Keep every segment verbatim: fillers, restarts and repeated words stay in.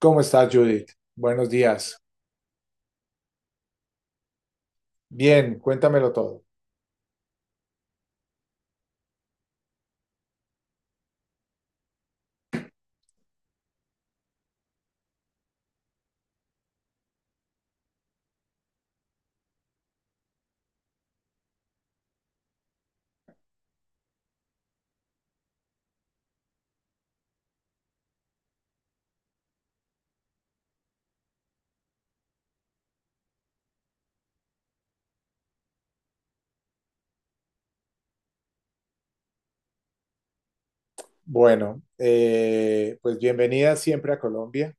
¿Cómo estás, Judith? Buenos días. Bien, cuéntamelo todo. Bueno, eh, pues bienvenida siempre a Colombia.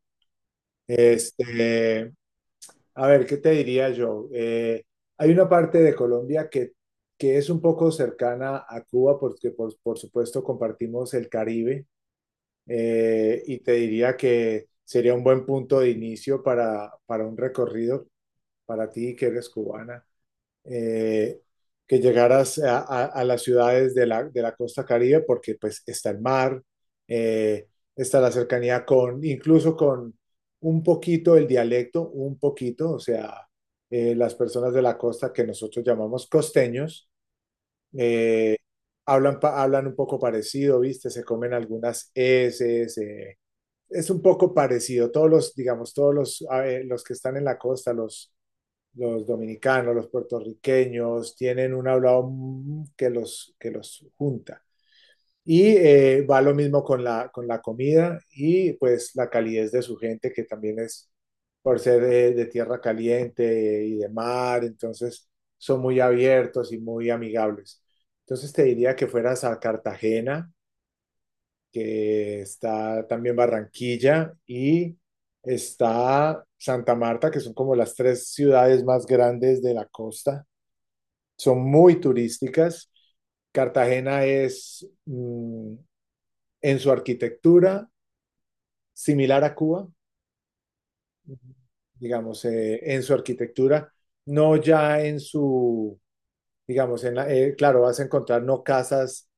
Este, a ver, ¿qué te diría yo? Eh, hay una parte de Colombia que, que es un poco cercana a Cuba porque por, por supuesto compartimos el Caribe, eh, y te diría que sería un buen punto de inicio para, para un recorrido para ti que eres cubana. eh, que llegaras a, a- a las ciudades de la, de la costa Caribe, porque pues está el mar, eh, está la cercanía con, incluso con un poquito el dialecto, un poquito, o sea, eh, las personas de la costa que nosotros llamamos costeños, eh, hablan, pa- hablan un poco parecido, ¿viste? Se comen algunas eses, eh, es un poco parecido. Todos los, digamos, todos los, a ver, los que están en la costa, los, los dominicanos, los puertorriqueños, tienen un hablado que los, que los junta. Y eh, va lo mismo con la, con la comida y pues la calidez de su gente, que también es por ser de, de tierra caliente y de mar, entonces son muy abiertos y muy amigables. Entonces te diría que fueras a Cartagena, que está también Barranquilla y está Santa Marta, que son como las tres ciudades más grandes de la costa. Son muy turísticas. Cartagena es, mm, en su arquitectura similar a Cuba, digamos, eh, en su arquitectura, no ya en su, digamos, en la- eh, claro, vas a encontrar no casas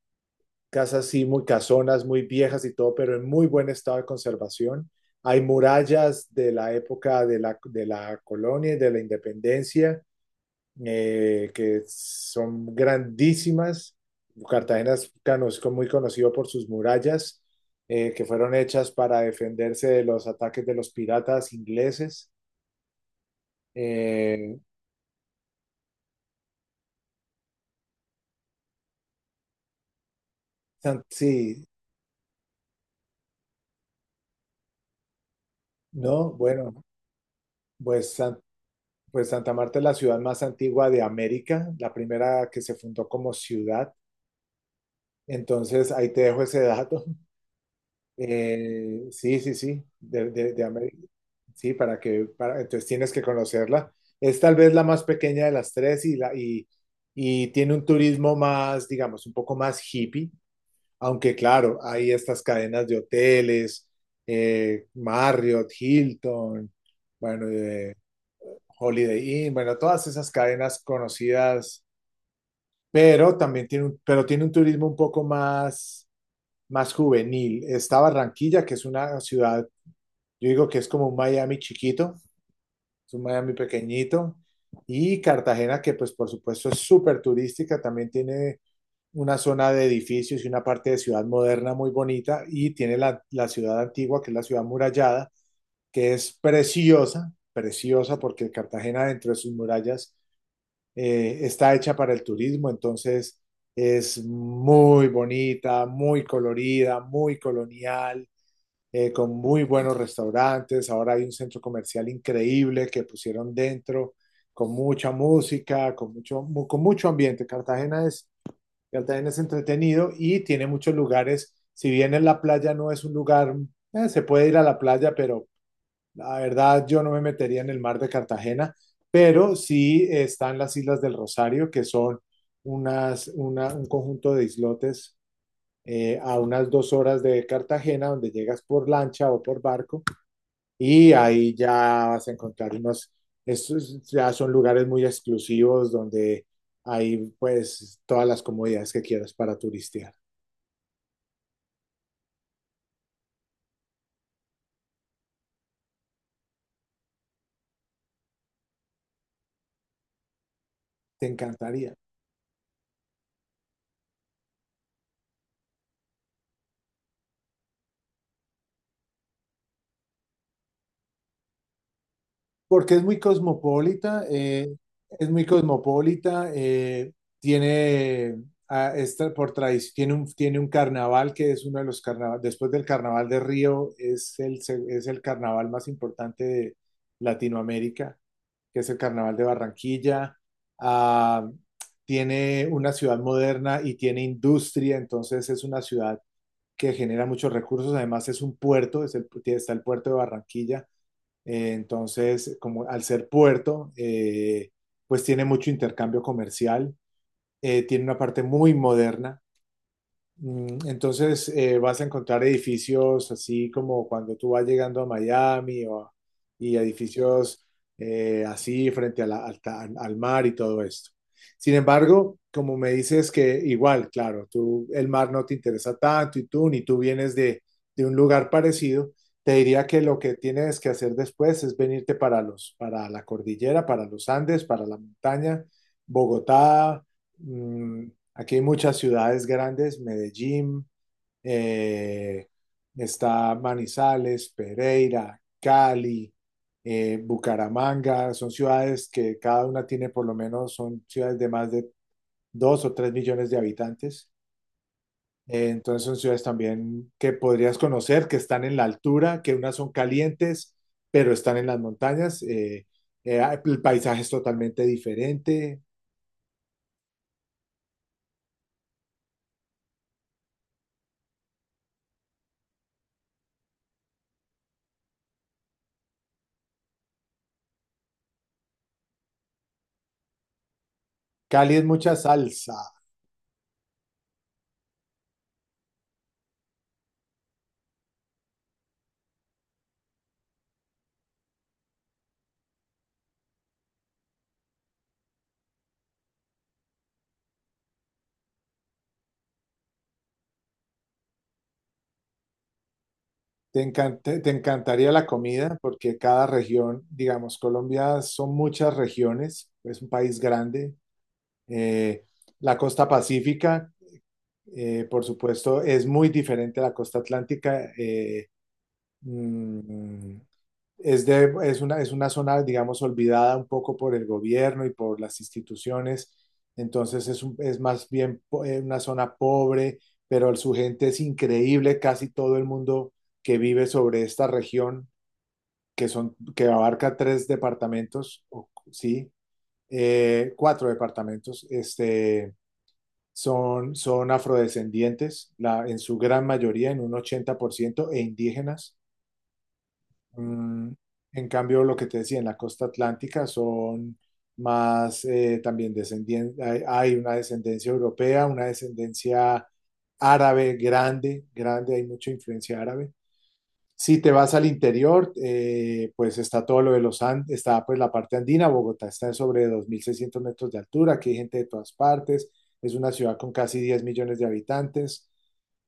casas sí muy casonas, muy viejas y todo, pero en muy buen estado de conservación. Hay murallas de la época de la, de la colonia y de la independencia, eh, que son grandísimas. Cartagena es cono- muy conocido por sus murallas, eh, que fueron hechas para defenderse de los ataques de los piratas ingleses. Eh, San- sí, no, bueno, pues San- Pues Santa Marta es la ciudad más antigua de América, la primera que se fundó como ciudad. Entonces, ahí te dejo ese dato. Eh, sí, sí, sí, de, de, de América. Sí, para que, para, entonces tienes que conocerla. Es tal vez la más pequeña de las tres y, la, y, y tiene un turismo más, digamos, un poco más hippie, aunque claro, hay estas cadenas de hoteles, eh, Marriott, Hilton, bueno, eh, Holiday Inn, bueno, todas esas cadenas conocidas, pero también tiene un, pero tiene un turismo un poco más, más juvenil. Está Barranquilla, que es una ciudad, yo digo que es como un Miami chiquito, es un Miami pequeñito, y Cartagena, que pues por supuesto es súper turística, también tiene una zona de edificios y una parte de ciudad moderna muy bonita, y tiene la, la ciudad antigua, que es la ciudad murallada, que es preciosa, preciosa porque Cartagena dentro de sus murallas eh, está hecha para el turismo, entonces es muy bonita, muy colorida, muy colonial, eh, con muy buenos restaurantes. Ahora hay un centro comercial increíble que pusieron dentro, con mucha música, con mucho, mu- con mucho ambiente. Cartagena es, Cartagena es entretenido y tiene muchos lugares. Si bien en la playa no es un lugar, eh, se puede ir a la playa, pero la verdad, yo no me metería en el mar de Cartagena, pero sí están las Islas del Rosario, que son unas, una- un conjunto de islotes, eh, a unas dos horas de Cartagena, donde llegas por lancha o por barco, y ahí ya vas a encontrar unos, estos ya son lugares muy exclusivos donde hay pues todas las comodidades que quieras para turistear. Te encantaría. Porque es muy cosmopolita, eh, es muy cosmopolita, eh, tiene, ah, es tra- por tradición, tiene un, tiene un carnaval que es uno de los carnavales, después del carnaval de Río, es el, se- es el carnaval más importante de Latinoamérica, que es el carnaval de Barranquilla. Ah, tiene una ciudad moderna y tiene industria, entonces es una ciudad que genera muchos recursos, además es un puerto, es el, está el puerto de Barranquilla, eh, entonces, como al ser puerto, eh, pues tiene mucho intercambio comercial, eh, tiene una parte muy moderna. Mm, Entonces eh, vas a encontrar edificios así como cuando tú vas llegando a Miami o a- y edificios, eh, así frente a la- al, ta- al mar y todo esto. Sin embargo, como me dices que igual, claro, tú el mar no te interesa tanto y tú ni tú vienes de, de un lugar parecido, te diría que lo que tienes que hacer después es venirte para los, para la cordillera, para los Andes, para la montaña, Bogotá. mm, Aquí hay muchas ciudades grandes, Medellín, eh, está Manizales, Pereira, Cali, eh, Bucaramanga, son ciudades que cada una tiene por lo menos, son ciudades de más de dos o tres millones de habitantes. Eh, entonces son ciudades también que podrías conocer, que están en la altura, que unas son calientes, pero están en las montañas. eh, eh, el paisaje es totalmente diferente. Cali es mucha salsa. Te encan- te- te encantaría la comida porque cada región, digamos, Colombia son muchas regiones, es un país grande. Eh, la costa pacífica, eh, por supuesto, es muy diferente a la costa atlántica. eh, mm, es, de, es una, es una zona, digamos, olvidada un poco por el gobierno y por las instituciones. Entonces es, un- es más bien po- eh, una zona pobre, pero su gente es increíble. Casi todo el mundo que vive sobre esta región que son, que abarca tres departamentos, o- sí, eh, cuatro departamentos, este, son, son afrodescendientes, la, en su gran mayoría, en un ochenta por ciento e indígenas. Mm, en cambio, lo que te decía, en la costa atlántica son más, eh, también descendientes, hay, hay una descendencia europea, una descendencia árabe grande, grande, hay mucha influencia árabe. Si te vas al interior, eh, pues está todo lo de los Andes, está pues la parte andina, Bogotá está sobre dos mil seiscientos metros de altura, aquí hay gente de todas partes, es una ciudad con casi diez millones de habitantes,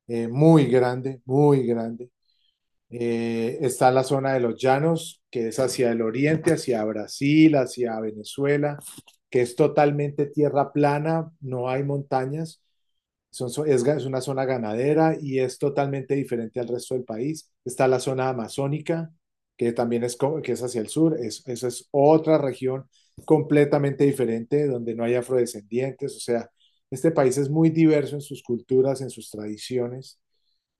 eh, muy grande, muy grande. Eh, está la zona de los llanos, que es hacia el oriente, hacia Brasil, hacia Venezuela, que es totalmente tierra plana, no hay montañas. Son, son- es, ga- es una zona ganadera y es totalmente diferente al resto del país. Está la zona amazónica, que también es, co- que es hacia el sur. Es, esa es otra región completamente diferente, donde no hay afrodescendientes. O sea, este país es muy diverso en sus culturas, en sus tradiciones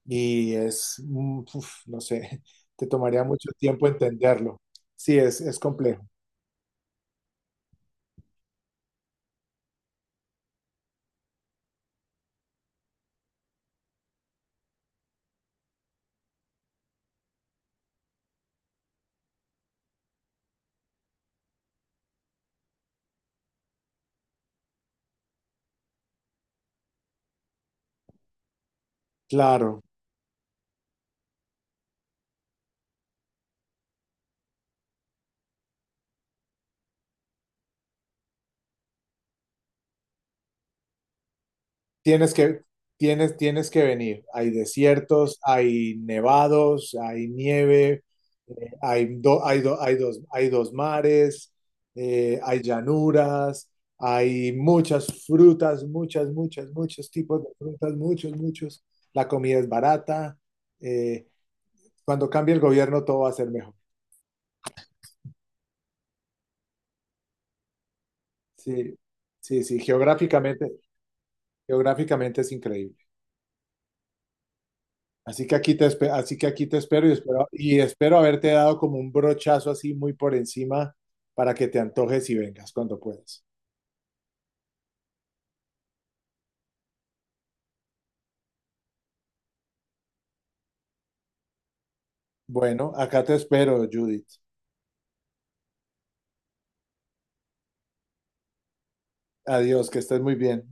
y es, mm, uf, no sé, te tomaría mucho tiempo entenderlo. Sí, es, es complejo. Claro, tienes que, tienes, tienes que venir. Hay desiertos, hay nevados, hay nieve, eh, hay, do- hay, do- hay, dos, hay dos mares, eh, hay llanuras, hay muchas frutas, muchas, muchas, muchos tipos de frutas, muchos, muchos. La comida es barata. eh, cuando cambie el gobierno, todo va a ser mejor. Sí, sí, sí, geográficamente, geográficamente es increíble. Así que aquí te espe- así que aquí te espero y espero y espero haberte dado como un brochazo así muy por encima para que te antojes y vengas cuando puedas. Bueno, acá te espero, Judith. Adiós, que estés muy bien.